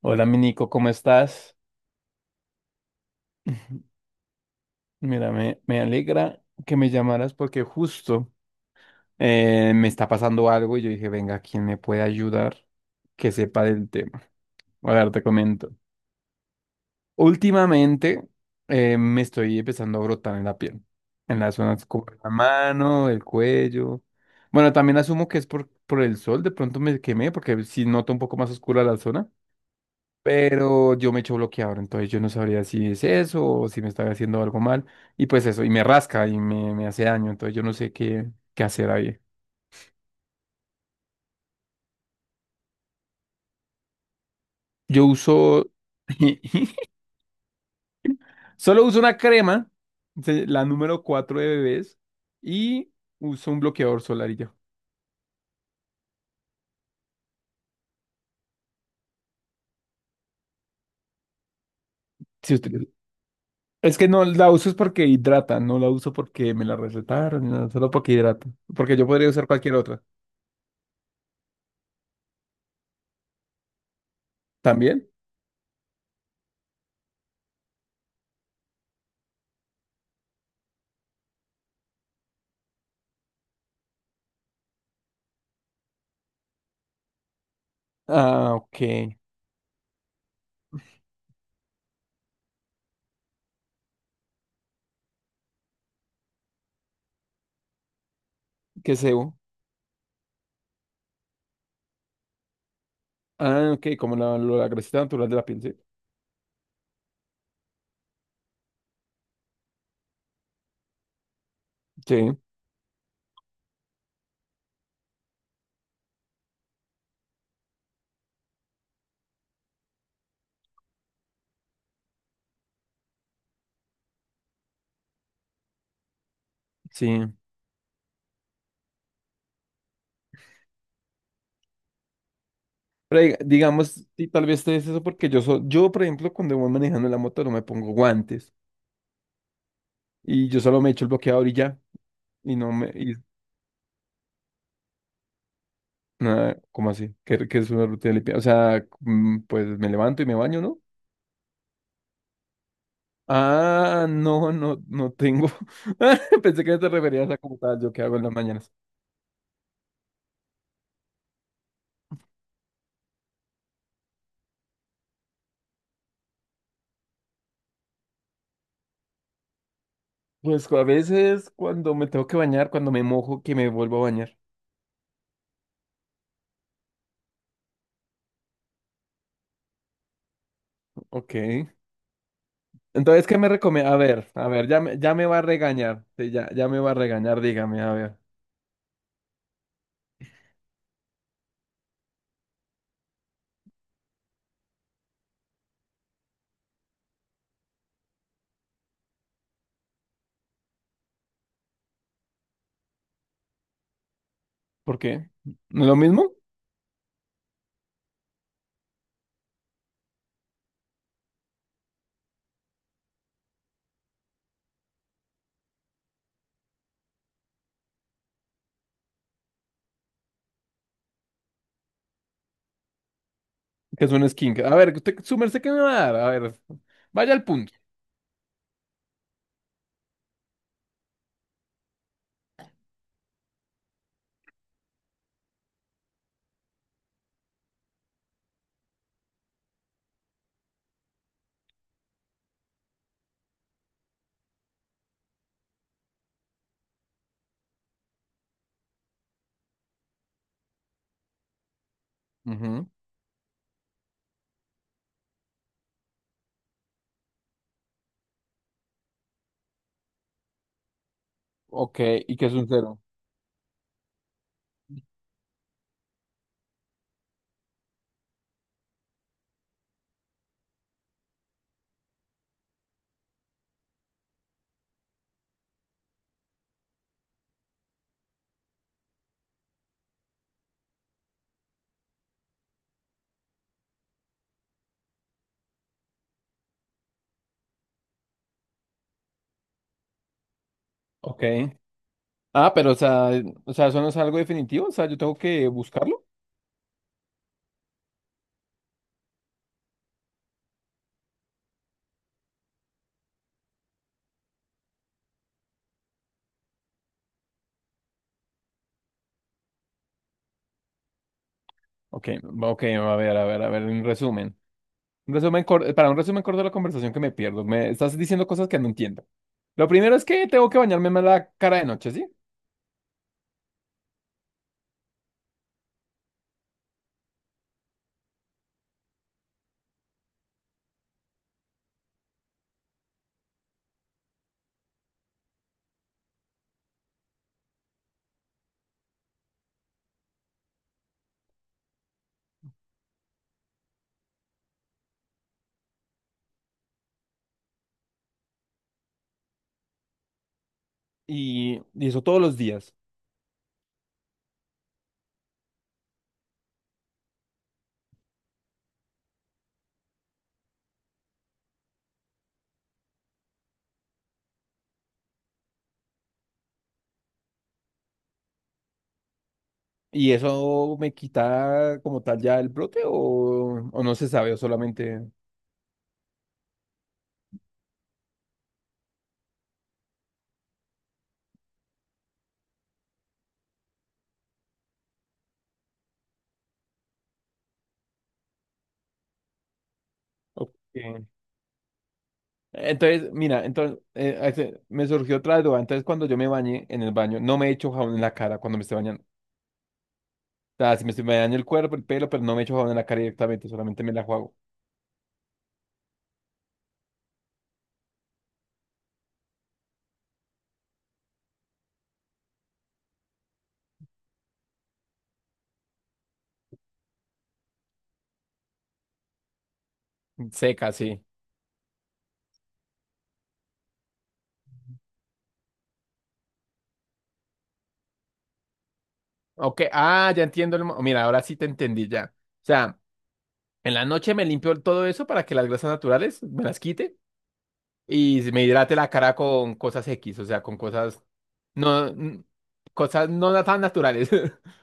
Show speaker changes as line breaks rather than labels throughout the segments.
Hola, mi Nico, ¿cómo estás? Mira, me alegra que me llamaras porque justo me está pasando algo y yo dije, venga, ¿quién me puede ayudar que sepa del tema? A ver, te comento. Últimamente me estoy empezando a brotar en la piel, en las zonas como la mano, el cuello. Bueno, también asumo que es por el sol, de pronto me quemé porque si noto un poco más oscura la zona. Pero yo me echo bloqueador, entonces yo no sabría si es eso o si me está haciendo algo mal. Y pues eso, y me rasca y me hace daño, entonces yo no sé qué hacer ahí. Yo uso, solo uso una crema, la número 4 de bebés, y uso un bloqueador solar y ya. Si usted- Es que no la uso es porque hidrata, no la uso porque me la recetaron, no, solo porque hidrata. Porque yo podría usar cualquier otra. ¿También? Ah, ok. ¿Qué sebo? Ah, ok, como la grasita natural de la piel, ¿sí? Sí, sí. Pero digamos, y tal vez te es eso porque yo, por ejemplo, cuando voy manejando la moto no me pongo guantes y yo solo me echo el bloqueador y ya. Y no me... Y, nada, ¿cómo así? ¿Qué es una rutina limpia? O sea, pues me levanto y me baño, ¿no? Ah, no tengo. Pensé que te referías a como tal, yo qué hago en las mañanas. Pues a veces cuando me tengo que bañar, cuando me mojo, que me vuelvo a bañar. Ok. Entonces, ¿qué me recomienda? A ver, ya me va a regañar. Sí, ya me va a regañar, dígame, a ver. ¿Por qué? ¿Lo mismo? Que es un skin. A ver, usted, su merced, ¿qué me va a dar? A ver, vaya al punto. Ujú, ok, ¿y qué es un cero? Ok. Ah, pero, o sea, eso no es algo definitivo, o sea, yo tengo que buscarlo. Ok, ok, a ver, a ver, a ver, un resumen. Para un resumen corto de la conversación que me pierdo. Me estás diciendo cosas que no entiendo. Lo primero es que tengo que bañarme más la cara de noche, ¿sí? Y eso todos los días. ¿Y eso me quita como tal ya el brote o no se sabe o solamente... ok. Entonces, mira, entonces me surgió otra duda. Entonces, cuando yo me bañé en el baño, no me echo jabón en la cara cuando me estoy bañando. O sea, si me estoy bañando el cuerpo, el pelo, pero no me echo jabón en la cara directamente, solamente me la juego. Seca, sí. Ok, ah, ya entiendo. Mira, ahora sí te entendí ya. O sea, en la noche me limpio todo eso para que las grasas naturales me las quite. Y me hidrate la cara con cosas X, o sea, con cosas no, n- cosas no tan naturales.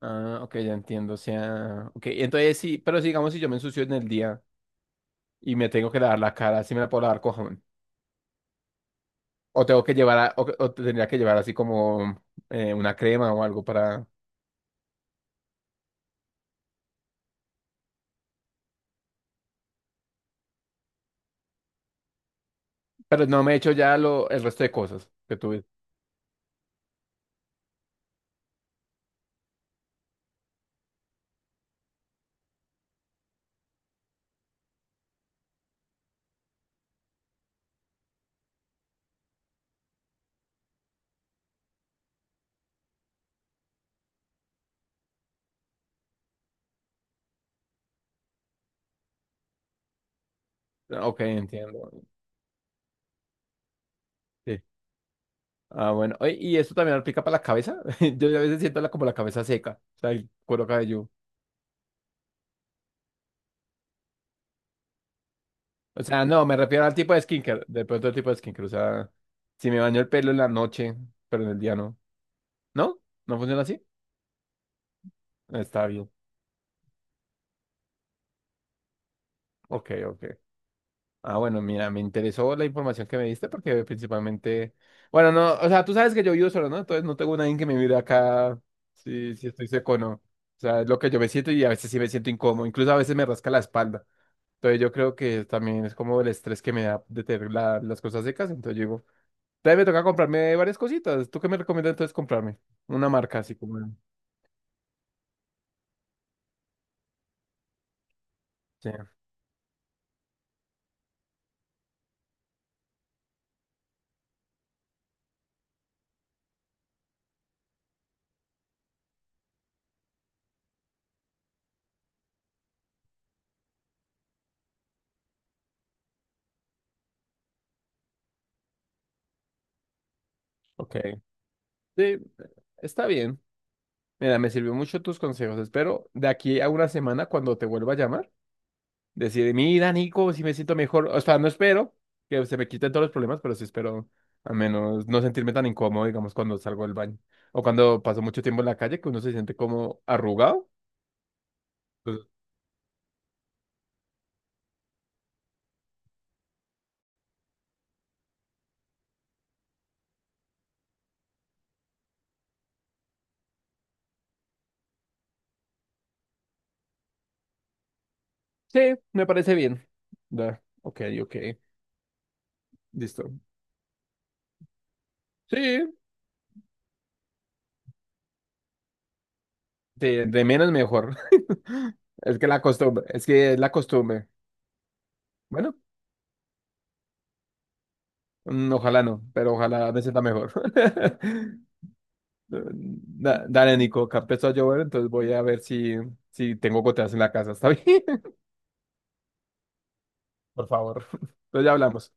Ah, ok, ya entiendo, o sea, ok, entonces sí, pero sigamos si digamos si yo me ensucio en el día y me tengo que lavar la cara, sí me la puedo lavar con jabón, o tengo que llevar, o tendría que llevar así como una crema o algo para, pero no me he hecho ya lo, el resto de cosas que tuve. Ah, ok, entiendo. Sí. Ah, bueno, oye, ¿y esto también aplica para la cabeza? Yo a veces siento la, como la cabeza seca, o sea, el cuero cabelludo. O sea, no, me refiero al tipo de skincare, de pronto el tipo de skincare, o sea, si me baño el pelo en la noche, pero en el día no. ¿No? ¿No funciona así? Está bien. Ok, ok. Ah, bueno, mira, me interesó la información que me diste porque principalmente, bueno, no, o sea, tú sabes que yo vivo solo, ¿no? Entonces no tengo nadie que me mire acá si estoy seco o no. O sea, es lo que yo me siento y a veces sí me siento incómodo, incluso a veces me rasca la espalda. Entonces yo creo que también es como el estrés que me da de tener las cosas secas, entonces yo digo... Entonces me toca comprarme varias cositas. ¿Tú qué me recomiendas entonces comprarme? Una marca así como... Sí, ok. Sí, está bien. Mira, me sirvió mucho tus consejos. Espero de aquí a una semana cuando te vuelva a llamar, decir, mira, Nico, si me siento mejor. O sea, no espero que se me quiten todos los problemas, pero sí espero al menos no sentirme tan incómodo, digamos, cuando salgo del baño. O cuando paso mucho tiempo en la calle, que uno se siente como arrugado. Entonces, sí, me parece bien. Da, ok, ok. Listo. Sí, de menos mejor. Es que la costumbre, es que es la costumbre. Bueno, ojalá no, pero ojalá me sienta mejor. Dale, Nico, que empezó a llover, entonces voy a ver si, si tengo goteras en la casa, ¿está bien? Por favor. Entonces ya hablamos.